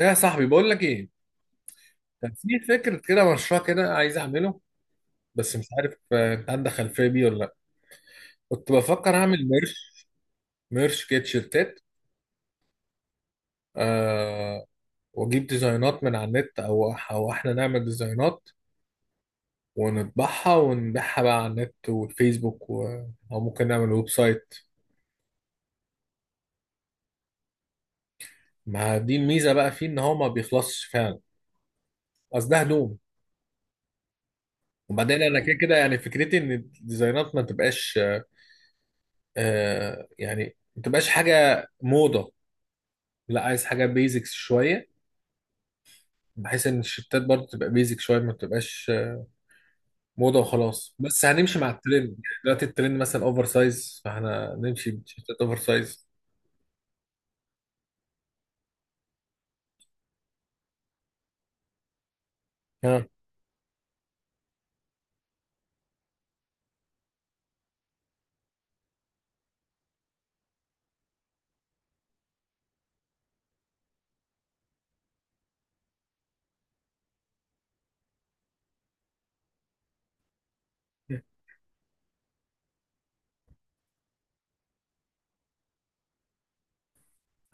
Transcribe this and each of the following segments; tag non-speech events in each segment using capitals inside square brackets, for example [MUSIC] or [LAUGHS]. ايه يا صاحبي، بقول لك ايه؟ كان في فكره كده، مشروع كده عايز اعمله. بس مش عارف، انت عندك خلفيه بيه ولا لا؟ كنت بفكر اعمل ميرش. ميرش كده، تيشيرتات. آه، واجيب ديزاينات من على النت او احنا نعمل ديزاينات، ونطبعها ونبيعها بقى على النت والفيسبوك و او ممكن نعمل ويب سايت. ما دي الميزه بقى، فيه ان هو ما بيخلصش فعلا. اصل ده هدوم. وبعدين انا كده كده يعني فكرتي ان الديزاينات ما تبقاش. آه، يعني ما تبقاش حاجه موضه. لا، عايز حاجه بيزكس شويه. بحيث ان الشتات برضه تبقى بيزك شويه، ما تبقاش موضه وخلاص، بس هنمشي مع الترند. يعني دلوقتي الترند مثلا اوفر سايز، فاحنا نمشي بشتات اوفر سايز. ها.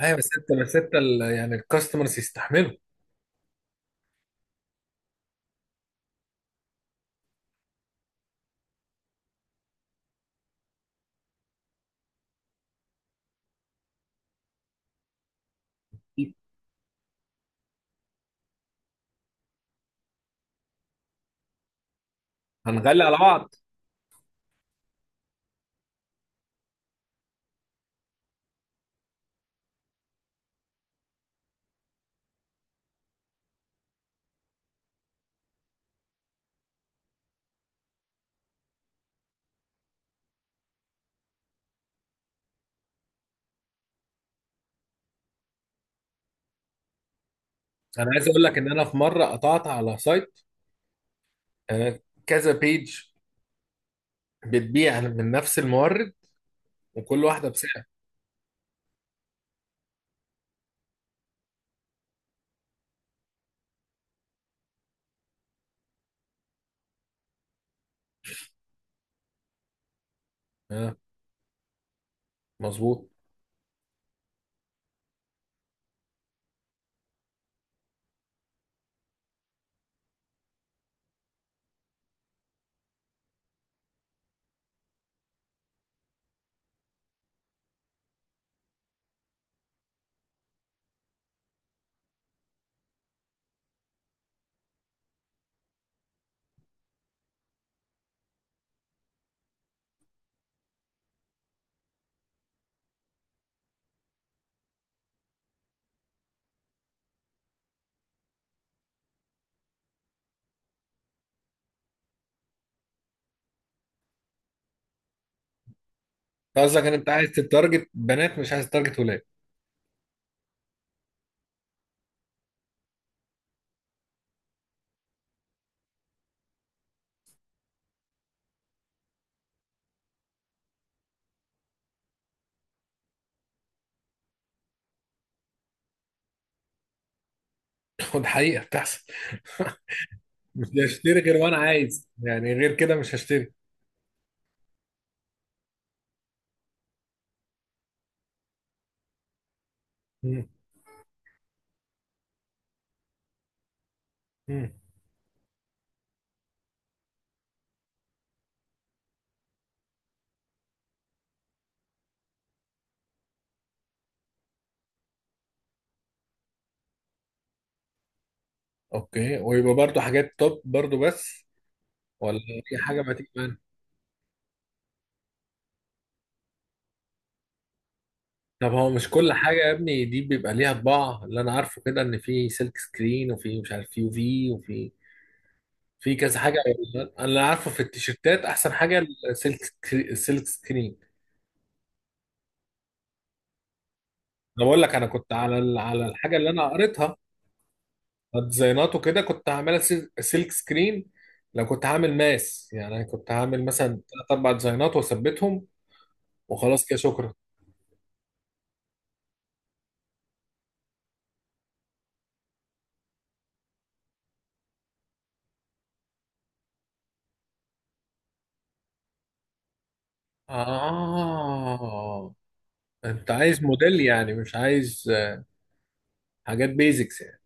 ايوه، بس انت يعني الكاستمرز يستحملوا؟ هنغلي على بعض؟ انا عايز اقول لك ان انا في مره قطعت على سايت. آه، كذا بيج بتبيع من نفس المورد، وكل واحده بسعر. اه، مظبوط. أنت قصدك ان انت عايز تتارجت بنات، مش عايز تتارجت ولاد؟ [LAUGHS] وده حقيقه بتحصل [LAUGHS] مش هشتري غير وانا عايز، يعني غير كده مش هشتري. مم. مم. اوكي، ويبقى برضو حاجات توب برضو بس؟ ولا اي حاجه ما تيجي معانا؟ طب هو مش كل حاجه يا ابني دي بيبقى ليها طباع؟ اللي انا عارفه كده ان في سلك سكرين، وفي مش عارف يو في، وفي في كذا حاجه. انا اللي عارفه في التيشيرتات احسن حاجه السلك السلك سكرين. انا بقول لك، انا كنت على على الحاجه اللي انا قريتها. ديزاينات وكده كنت هعملها سلك سكرين. لو كنت هعمل ماس، يعني كنت هعمل مثلا ثلاث اربع ديزاينات واثبتهم. وخلاص كده، شكرا. اه، انت عايز موديل يعني مش عايز حاجات بيزكس يعني؟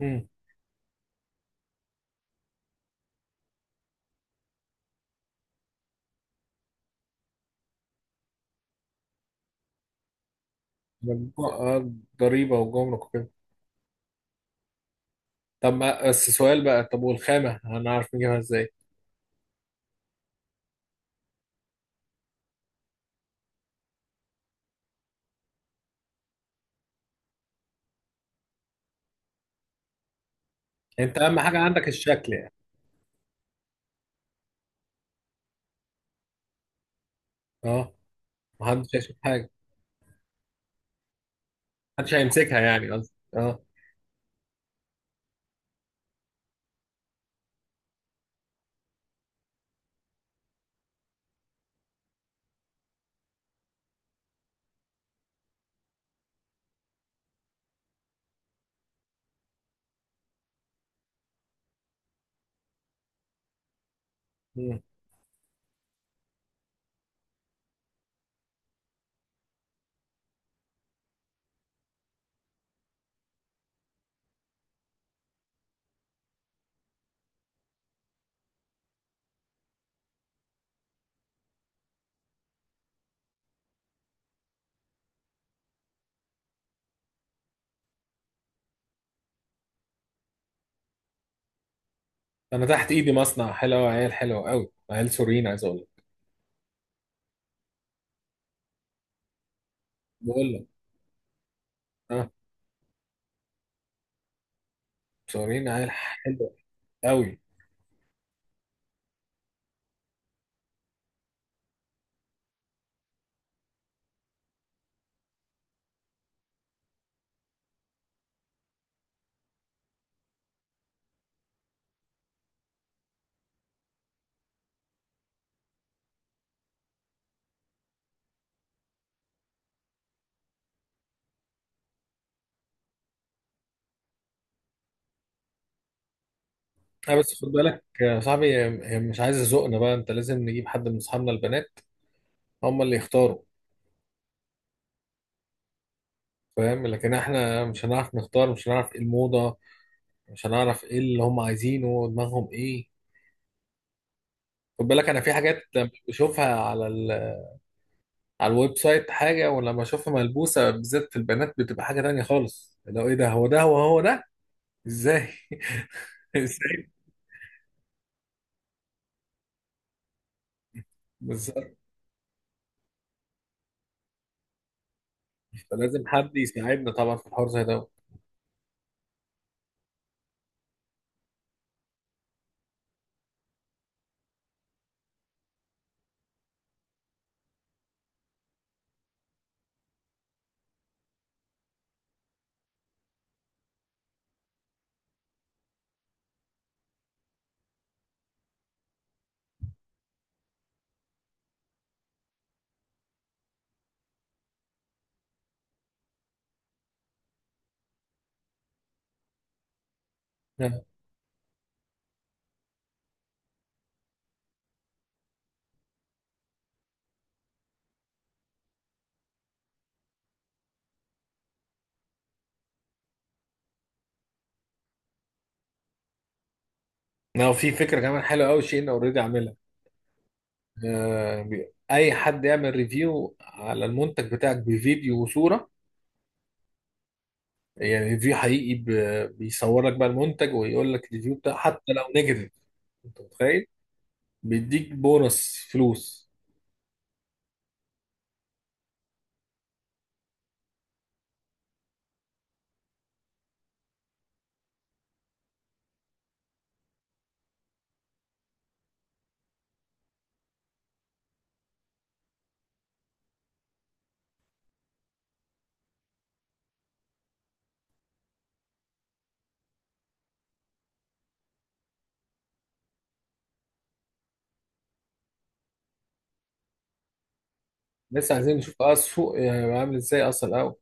امم. آه، ضريبه وجمرك وكده. طب ما بس سؤال بقى. طب والخامه هنعرف نجيبها ازاي؟ انت اهم حاجه عندك الشكل يعني؟ اه، محدش هيشوف حاجه. محدش هيمسكها، يعني قصدي اه. مم. انا تحت ايدي مصنع حلو، عيال حلوه قوي، عيال سوريين، عايز اقول لك. بقول لك اه. مصورين عيال حلوه قوي. اه، بس خد بالك يا صاحبي، هي مش عايزه ذوقنا بقى. انت لازم نجيب حد من اصحابنا البنات، هم اللي يختاروا. فاهم؟ لكن احنا مش هنعرف نختار، مش هنعرف ايه الموضه. مش هنعرف ايه اللي هم عايزينه، دماغهم ايه. خد بالك، انا في حاجات لما بشوفها على الويب سايت حاجه، ولما اشوفها ملبوسه بالذات في البنات بتبقى حاجه تانية خالص. لو ايه ده، هو ده، هو ده. ازاي؟ [LAUGHS] ازاي؟ بالظبط، فلازم حد يساعدنا طبعا في الحوار زي ده. آه، لو في فكرة كمان حلوة أوي، شيء أنا أوريدي عاملها. آه، أي حد يعمل ريفيو على المنتج بتاعك بفيديو وصورة. يعني ريفيو حقيقي، بيصور لك بقى المنتج، ويقول لك الريفيو بتاع، حتى لو نيجاتيف. أنت متخيل؟ بيديك بونص فلوس. لسه عايزين نشوف بقى السوق، يعني عامل إزاي أصلا الأول.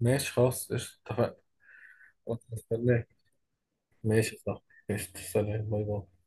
ماشي، خلاص، قشطة، اتفقنا. خلاص، استناك. ماشي، صح. قشطة، سلام، باي باي.